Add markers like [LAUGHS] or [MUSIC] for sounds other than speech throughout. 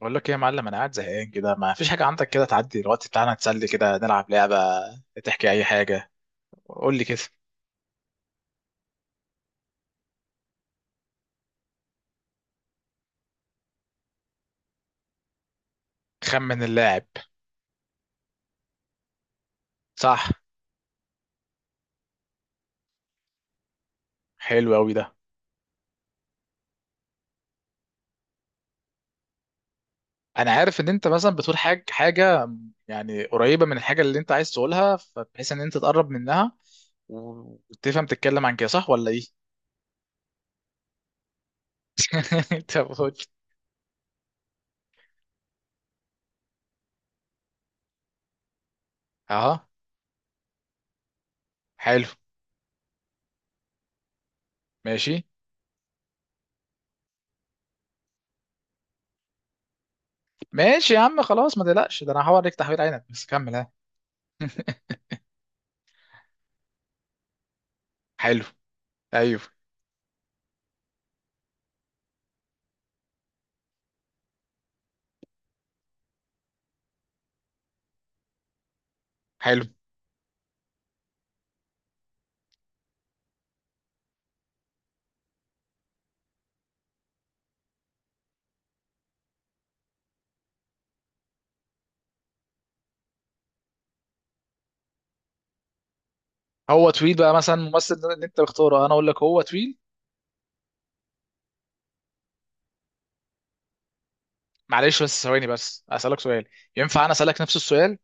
بقول لك ايه يا معلم، انا قاعد زهقان كده، ما فيش حاجه عندك كده تعدي الوقت بتاعنا تسلي كده؟ نلعب لعبه، تحكي اي حاجه، قول لي كده. خمن اللاعب؟ صح. حلو قوي ده. انا عارف ان انت مثلا بتقول حاجه يعني قريبه من الحاجه اللي انت عايز تقولها، فبحيث ان انت تقرب منها و- وتفهم تتكلم عن كده، صح ولا ايه؟ [LAUGHS] طب قول. اها. حلو. ماشي. ماشي يا عم خلاص ما تقلقش، ده انا هحاول عليك تحويل عينك، بس كمل ها. حلو. ايوه. حلو. هو طويل بقى مثلا الممثل ده اللي انت بتختاره؟ انا اقول لك هو طويل. معلش بس ثواني، بس اسالك سؤال، ينفع انا اسالك نفس السؤال؟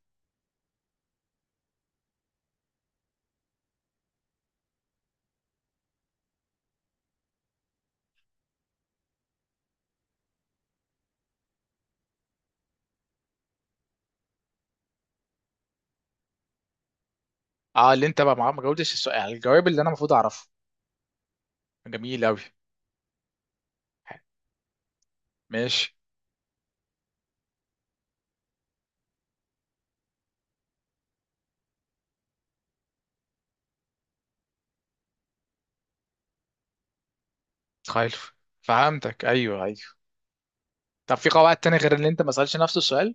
اه، اللي انت بقى ما جاوبتش السؤال، يعني الجواب اللي انا المفروض اعرفه. جميل قوي. ماشي. تخيل. فهمتك، ايوه ايوه. طب في قواعد تانية غير اللي انت ما سالش نفس السؤال؟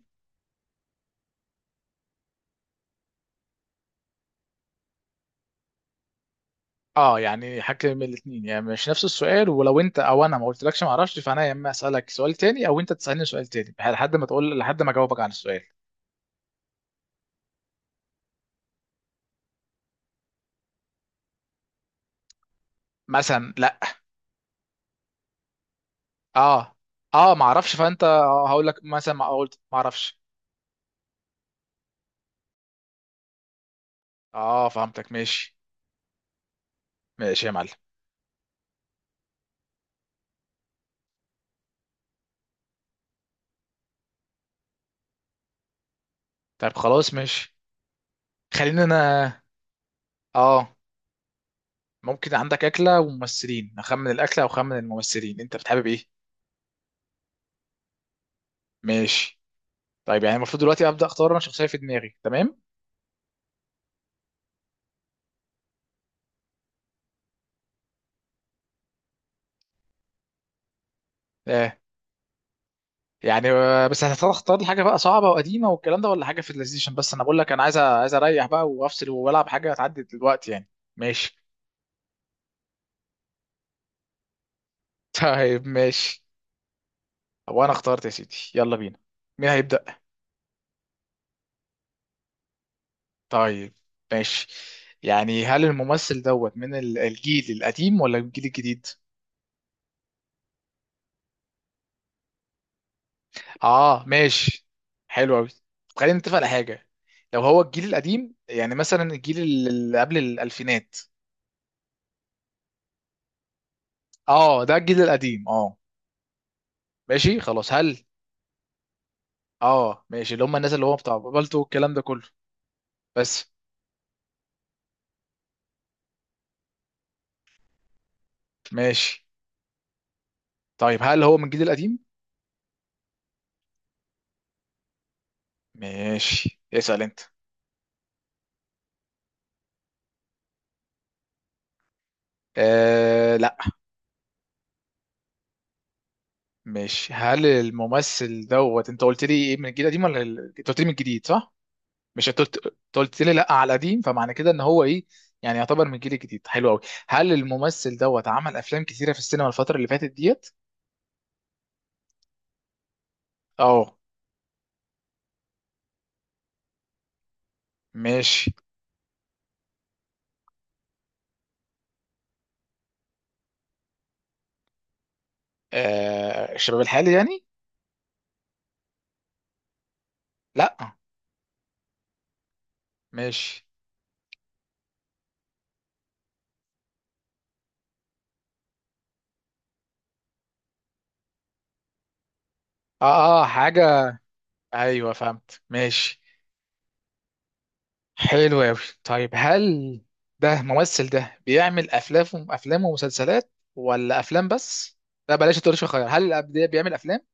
اه، يعني حاجه من الاثنين، يعني مش نفس السؤال، ولو انت او انا ما قلتلكش ما اعرفش، فانا يا اما اسالك سؤال تاني او انت تسالني سؤال تاني، لحد ما تقول، لحد ما اجاوبك عن السؤال. مثلا لا. اه. اه ما اعرفش، فانت هقول لك مثلا ما قلت ما اعرفش. اه فهمتك ماشي. ماشي يا معلم. طيب خلاص ماشي. خلينا انا. اه. ممكن عندك اكله وممثلين، اخمن الاكله او اخمن الممثلين، انت بتحابب ايه؟ ماشي. طيب يعني المفروض دلوقتي ابدا اختار انا شخصيه في دماغي، تمام؟ اه. يعني بس هتختار اختار لي حاجه بقى صعبه وقديمه والكلام ده، ولا حاجه في اللذيذ؟ عشان بس انا بقول لك انا عايز عايز اريح بقى وافصل والعب حاجه تعدي دلوقتي يعني. ماشي. [LAUGHS] طيب ماشي. وانا اخترت يا سيدي، يلا بينا. مين هيبدا؟ طيب. ماشي. يعني هل الممثل دوت من الجيل القديم ولا الجيل الجديد؟ اه ماشي. حلو قوي. خلينا نتفق على حاجه. لو هو الجيل القديم يعني مثلا الجيل اللي قبل الـ2000. اه ده الجيل القديم، اه. ماشي خلاص. هل. اه ماشي، اللي هم الناس اللي هو بتاع بالتو والكلام ده كله. بس. ماشي. طيب هل هو من الجيل القديم؟ ماشي، اسأل انت. آه... مش هل الممثل دوت انت قلت لي ايه، من الجيل القديم ولا انت قلت لي من الجديد، صح؟ مش انت قلت، انت قلت لي لا على قديم، فمعنى كده ان هو ايه، يعني يعتبر من الجيل الجديد. حلو قوي. هل الممثل دوت عمل افلام كتيره في السينما الفتره اللي فاتت ديت؟ اه ماشي. آه الشباب الحالي يعني؟ لا. ماشي. اه اه حاجه. ايوه فهمت ماشي. حلو أوي. طيب هل ده ممثل، ده بيعمل أفلام، أفلام ومسلسلات ولا أفلام بس؟ لا بلاش تقولش خير، هل الأب ده بيعمل أفلام؟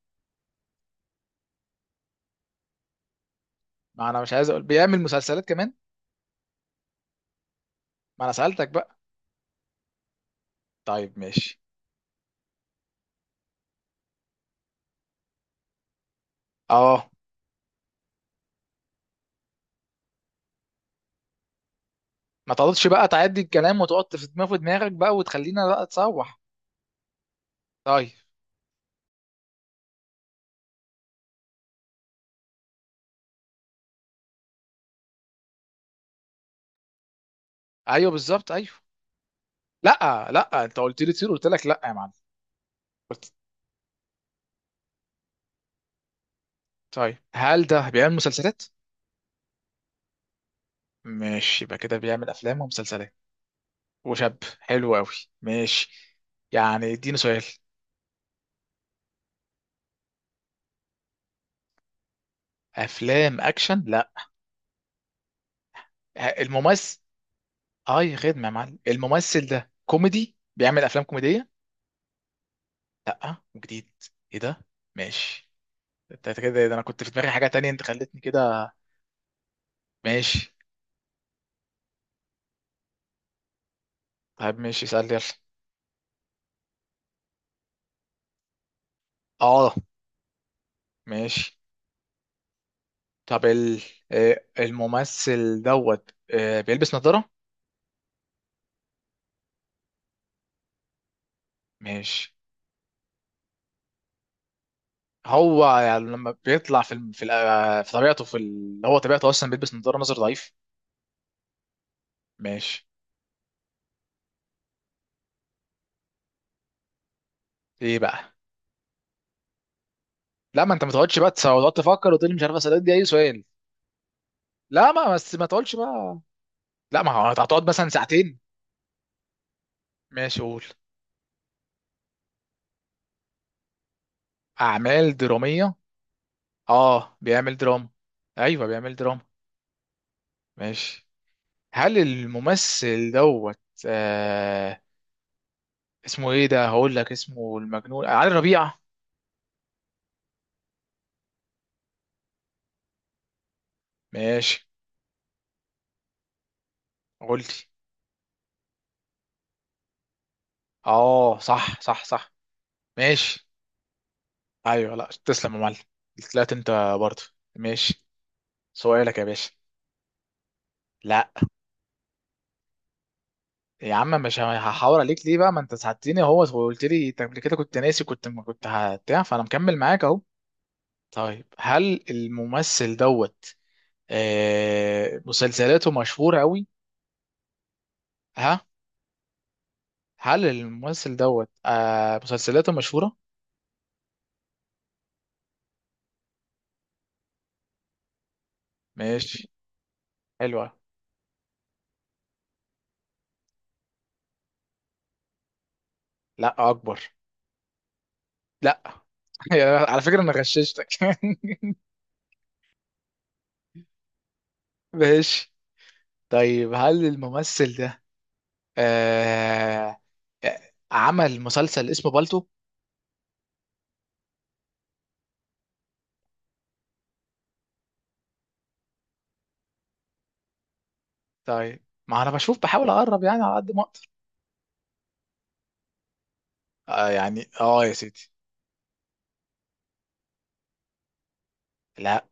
ما أنا مش عايز أقول بيعمل مسلسلات كمان. ما أنا سألتك بقى. طيب ماشي. أه. ما تقعدش بقى تعدي الكلام وتقعد في دماغك بقى، وتخلينا لا تسوح. طيب. أيوه بالظبط أيوه. لا لا، أنت قلت لي تصير، قلت لك لا يا معلم. قلت. طيب هل ده بيعمل مسلسلات؟ ماشي، يبقى كده بيعمل أفلام ومسلسلات وشاب. حلو قوي. ماشي. يعني اديني سؤال. افلام اكشن لا. الممثل، اه يا خدمه يا معلم، الممثل ده كوميدي بيعمل افلام كوميديه. لا وجديد. ايه ده؟ ماشي. انت كده، ده انا كنت في دماغي حاجه تانية، انت خلتني كده. ماشي. طيب ماشي، اسال يلا. اه. ماشي. طب ال... آه، الممثل دوت بيلبس نظاره؟ ماشي. هو يعني لما بيطلع في في طبيعته في هو طبيعته اصلا بيلبس نظاره نظر ضعيف. ماشي. ايه بقى؟ لا، ما انت ما تقعدش بقى تقعد تفكر وتقول لي مش عارف، اسالك دي اي سؤال. لا ما بس ما تقعدش بقى. لا ما هو هتقعد مثلا ساعتين. ماشي قول. اعمال دراميه. اه بيعمل دراما. ايوه بيعمل دراما. ماشي. هل الممثل دوت آه اسمه ايه ده؟ هقول لك اسمه المجنون علي ربيع. ماشي. قلت. اه صح صح صح. ماشي. ايوه، لا تسلم يا معلم، طلعت انت برضه. ماشي. سؤالك يا باشا. لا. يا عم مش هحاور عليك ليه بقى، ما انت ساعدتني اهو وقلت لي، انت قبل كده كنت ناسي، كنت ما كنت هبتاع، فانا مكمل معاك اهو. طيب هل الممثل دوت آه مسلسلاته مشهورة قوي؟ ها. هل الممثل دوت آه مسلسلاته مشهورة؟ ماشي. حلوة. لا اكبر. لا. [LAUGHS] على فكرة انا غششتك. [LAUGHS] ماشي. طيب هل الممثل ده آه آه، عمل مسلسل اسمه بالتو؟ طيب ما انا بشوف بحاول اقرب يعني على قد ما اقدر. آه يعني اه يا سيدي. لا.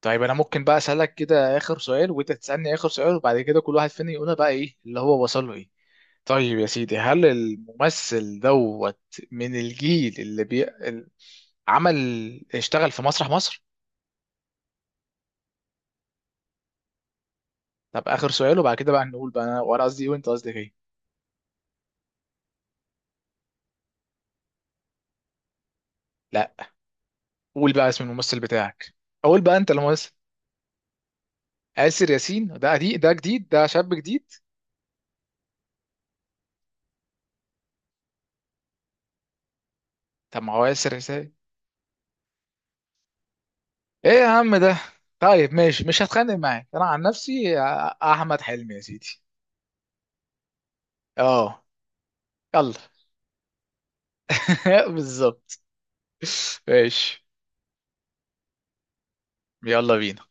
طيب انا ممكن بقى اسالك كده اخر سؤال، وانت تسالني اخر سؤال، وبعد كده كل واحد فينا يقولها بقى، ايه اللي هو وصل له ايه. طيب يا سيدي، هل الممثل دوت من الجيل اللي عمل، اشتغل في مسرح مصر؟ طب اخر سؤال وبعد كده بقى نقول بقى، وانا قصدي ايه وانت قصدك ايه. لا. قول بقى اسم الممثل بتاعك. اقول بقى انت الممثل. آسر ياسين ده قديم، ده جديد، ده شاب جديد. طب ما هو آسر. ايه يا عم ده. طيب ماشي، مش هتخانق معاك، انا عن نفسي احمد حلمي يا سيدي. اه. يلا. [LAUGHS] بالظبط. ماشي. يلا بينا.